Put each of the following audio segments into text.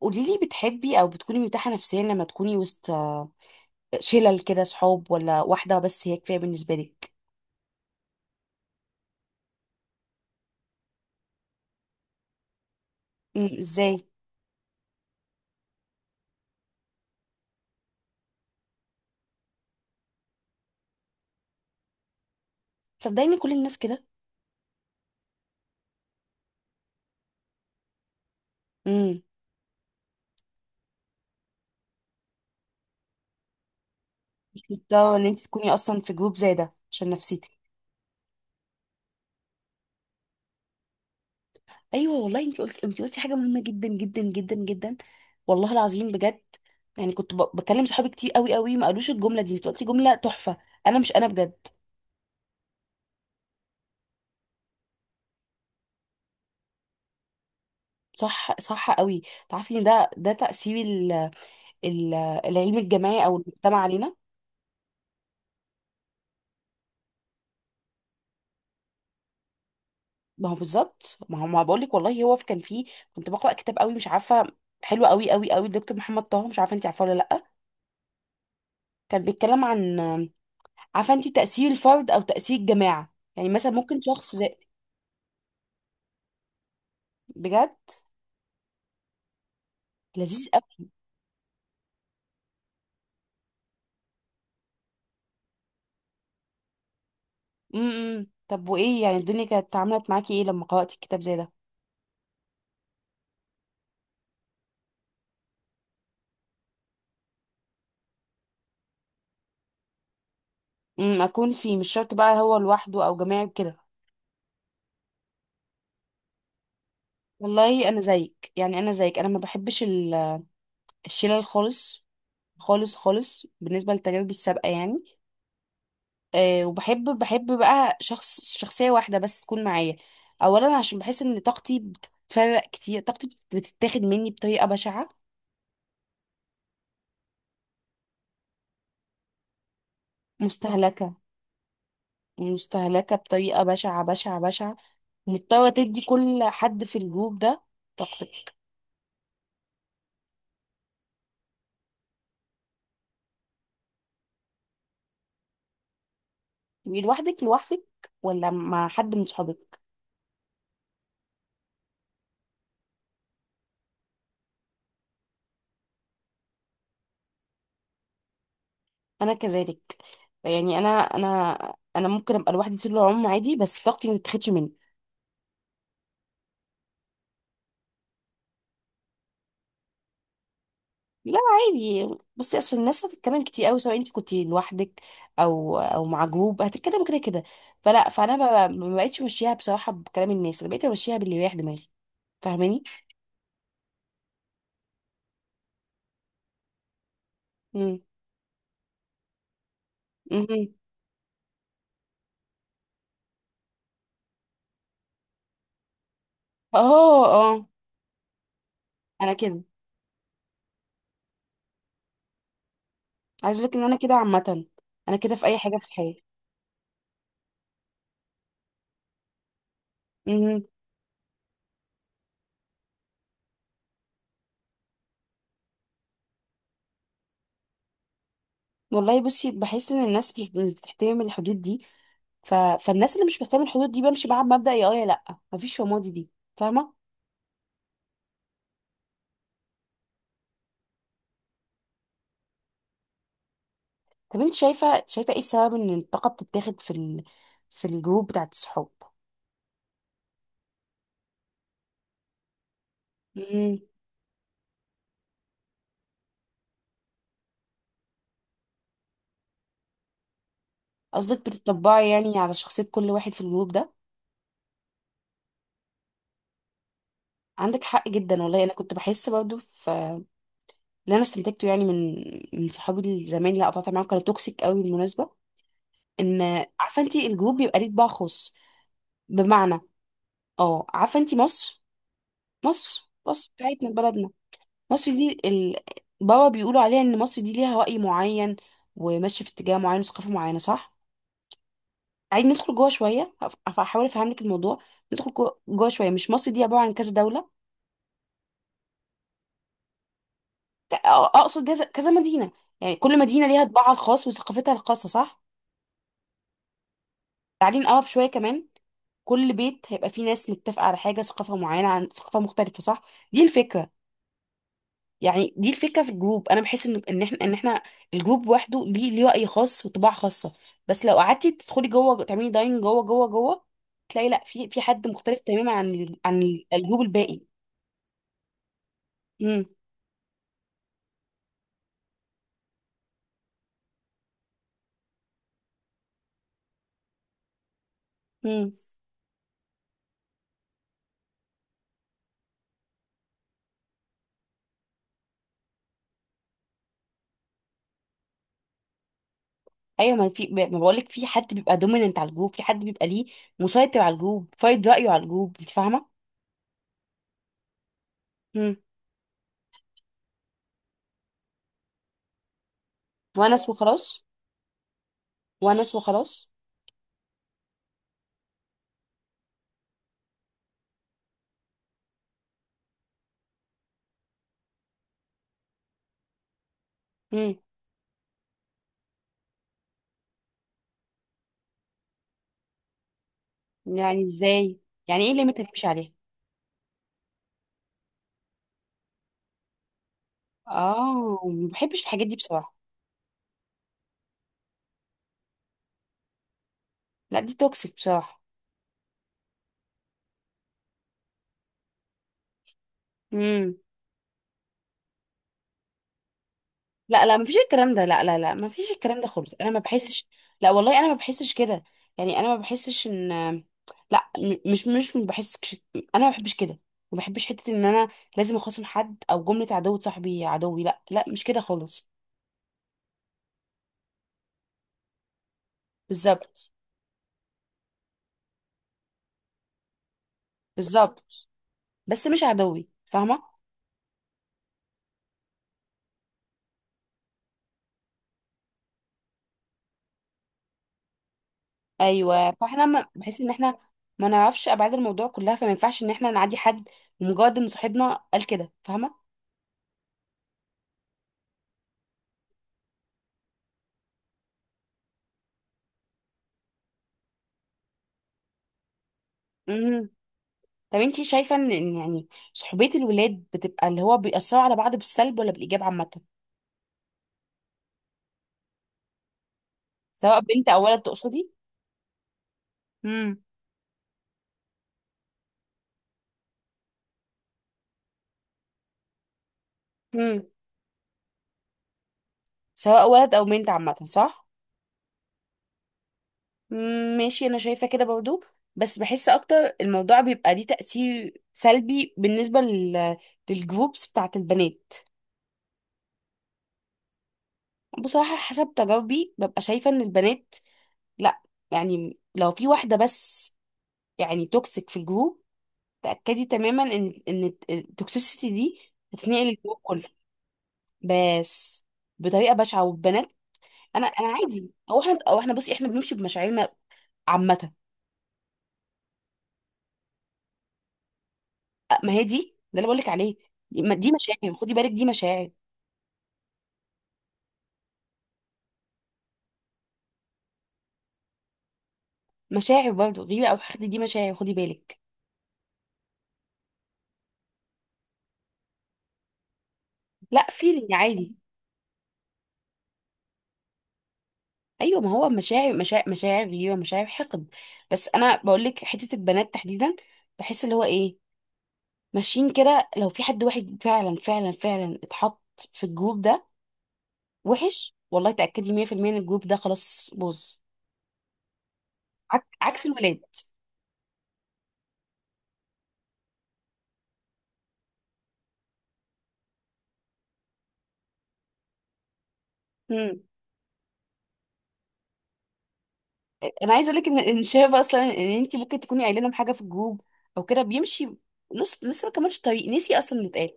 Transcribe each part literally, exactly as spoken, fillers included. قولي لي، بتحبي او بتكوني مرتاحه نفسيا لما تكوني وسط شلل كده صحاب، ولا واحده بس هي كفايه بالنسبه لك؟ امم، ازاي؟ صدقيني كل الناس كده. امم، ده ان انت تكوني اصلا في جروب زي ده عشان نفسيتك. ايوه والله، انت قلت انت قلتي حاجه مهمه جدا جدا جدا جدا، والله العظيم بجد. يعني كنت ب... بكلم صحابي كتير قوي قوي، ما قالوش الجمله دي. انت قلتي جمله تحفه. انا مش انا بجد. صح صح قوي. تعرفي ان ده ده تاثير ال... ال... العلم الجماعي او المجتمع علينا. ما هو بالظبط، ما هو ما بقول لك والله، هو في- كان فيه، كنت بقرا كتاب قوي مش عارفه، حلو قوي قوي قوي، الدكتور محمد طه، مش عارفه انت عارفه ولا لا. كان بيتكلم عن، عارفه انت، تاثير الفرد او تاثير الجماعه. يعني مثلا ممكن شخص زي، بجد لذيذ قوي. امم إمم. طب وايه يعني الدنيا كانت عملت معاكي ايه لما قرأتي الكتاب زي ده؟ امم، اكون فيه. مش شرط بقى هو لوحده او جماعي كده. والله انا زيك، يعني انا زيك، انا ما بحبش ال- الشلل خالص. خالص خالص، بالنسبه لتجاربي السابقه يعني. آه، وبحب بحب بقى شخص، شخصية واحدة بس تكون معايا. أولا عشان بحس إن طاقتي بتتفرق كتير، طاقتي بت- بتتاخد مني بطريقة بشعة. مستهلكة، مستهلكة بطريقة بشعة بشعة بشعة، مضطرة تدي كل حد في الجروب ده طاقتك. تبقي لوحدك لوحدك، ولا مع حد من صحابك؟ أنا كذلك، يعني أنا أنا، أنا ممكن أبقى لوحدي طول العمر عادي، بس طاقتي ما تتاخدش مني. لا عادي. بصي، اصل الناس هتتكلم كتير قوي، سواء انت كنت لوحدك او او مع جروب هتتكلم كده كده. فلا، فانا ما ما بقتش ماشيها بصراحه بكلام الناس، انا بقيت ماشيها باللي يريح دماغي. فاهماني؟ امم. امم. اه. اه انا كده، عايز اقول لك ان انا كده عامه، انا كده في اي حاجه في الحياه. امم. والله بصي، بحس ان الناس مش مش بتحترم الحدود دي. ف... فالناس اللي مش بتحترم الحدود دي بمشي معاها بمبدأ يا اه يا لا، مفيش فماضي دي، فاهمه؟ طب انت شايفه شايفه ايه السبب ان الطاقه بتتاخد في ال... في الجروب بتاعت الصحاب؟ امم. قصدك بتطبعي يعني على شخصيه كل واحد في الجروب ده؟ عندك حق جدا والله. انا كنت بحس برضو في، اللي انا استنتجته يعني من من صحابي الزمان اللي قطعت معاهم، كانوا توكسيك قوي بالمناسبه. ان، عارفه انت الجروب بيبقى ليه طباع خاص، بمعنى، اه عارفه انت مصر؟ مصر، مصر بتاعتنا بلدنا، مصر دي ال... بابا بيقولوا عليها ان مصر دي ليها رأي معين وماشيه في اتجاه معين وثقافه معينه، صح؟ عايز ندخل جوه شويه، هف- هف- هحاول افهم لك الموضوع. ندخل جوه جوه شويه، مش مصر دي عباره عن كذا دوله، ت- أ- اقصد، جز- كذا مدينه. يعني كل مدينه ليها طباعها الخاص وثقافتها الخاصه، صح؟ تعالي نقرب شويه كمان، كل بيت هيبقى فيه ناس متفقه على حاجه، ثقافه معينه عن ثقافه مختلفه، صح؟ دي الفكره. يعني دي الفكره في الجروب، انا بحس ان ان احنا ان احنا الجروب لوحده ليه ليه راي خاص وطباع خاصه. بس لو قعدتي تدخلي جوه، تعملي داين جوه جوه جوه، تلاقي لا، في في حد مختلف تماما عن ال- عن الجروب الباقي. امم. مم. ايوه، ما في، ما بقول لك، في حد بيبقى دوميننت على الجروب، في حد بيبقى ليه مسيطر على الجروب، فايد رايه على الجروب، انت فاهمه. مم. ونس وخلاص. ونس وخلاص. مم. يعني ازاي؟ يعني ايه ليميت هتمشي عليها؟ اه، ما بحبش الحاجات دي بصراحه. لا دي توكسيك بصراحه. مم. لا لا، مفيش الكلام ده، لا لا لا مفيش الكلام ده خالص، انا ما بحسش. لا والله انا ما بحسش كده. يعني انا ما بحسش ان، لا م- مش مش ما بحسش، انا ما بحبش كده. ما بحبش حته ان انا لازم اخاصم حد، او جمله عدو صاحبي عدوي، لا لا مش كده خالص. بالظبط. بالظبط. بس مش عدوي، فاهمه؟ ايوه، فاحنا ما بحس ان احنا ما نعرفش ابعاد الموضوع كلها، فما ينفعش ان احنا نعدي حد مجرد ان صاحبنا قال كده، فاهمه؟ طب انتي شايفة ان إن يعني صحوبية الولاد بتبقى اللي هو بيأثروا على بعض بالسلب ولا بالإيجاب عامة؟ سواء بنت أو ولد تقصدي؟ امم. امم. سواء ولد أو بنت عامة، صح؟ مم، ماشي، أنا شايفة كده برضو، بس بحس أكتر الموضوع بيبقى ليه تأثير سلبي بالنسبة لل... للجروبس بتاعت البنات. بصراحة حسب تجاربي ببقى شايفة ان البنات، لا، يعني لو في واحدة بس يعني توكسيك في الجروب، تأكدي تماما ان ان التوكسيسيتي دي هتنقل الجروب كله. بس بطريقه بشعه، والبنات، انا انا عادي، او احنا، او احنا، بصي احنا بنمشي بمشاعرنا عامه. أ- ما هي دي، ده اللي بقول لك عليه. ما دي مشاعر خدي بالك، دي مشاعر. مشاعر برضه، غيره او حقد، دي مشاعر خدي بالك. لا، فيلينج عادي. ايوه ما هو مشاعر، مشاعر، مشاعر غيره، مشاعر حقد. بس انا بقول لك حته البنات تحديدا، بحس اللي هو ايه، ماشيين كده. لو في حد واحد فعلا فعلا فعلا اتحط في الجروب ده وحش، والله تاكدي مية في المية ان الجروب ده خلاص باظ. عك- عكس الولاد. مم. انا عايزه اقول لك ان إن شايفه اصلا ان انت ممكن تكوني قايله لهم حاجه في الجروب او كده، بيمشي نص لسه ما كملش الطريق، نسي اصلا اللي اتقال.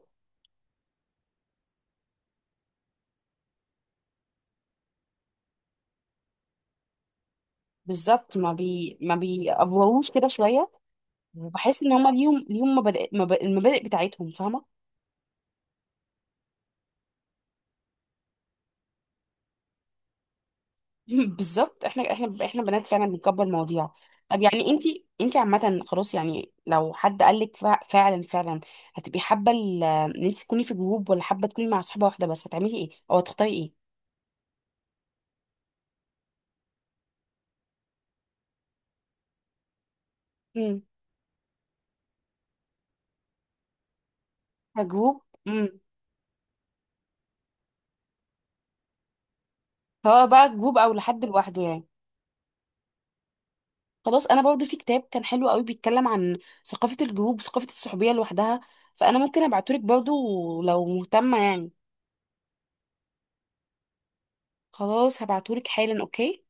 بالظبط، ما بي ما بيأفوروش كده شويه. وبحس ان هما ليهم، ليهم مبادئ، مب- المبادئ بتاعتهم، فاهمه؟ بالظبط، احنا احنا احنا بنات فعلا بنكبر المواضيع. طب يعني انت، انت عامه خلاص يعني لو حد قال لك، فع- فعلا فعلا، هتبقي حابه ال- ان انت تكوني في جروب، ولا حابه تكوني مع صاحبه واحده بس؟ هتعملي ايه او هتختاري ايه؟ مم. كجروب. سواء بقى جروب او لحد لوحده يعني. خلاص انا برضو في كتاب كان حلو قوي، بيتكلم عن ثقافة الجروب وثقافة الصحوبية لوحدها، فانا ممكن ابعتهولك برضو لو مهتمة يعني. خلاص هبعتهولك حالا، اوكي.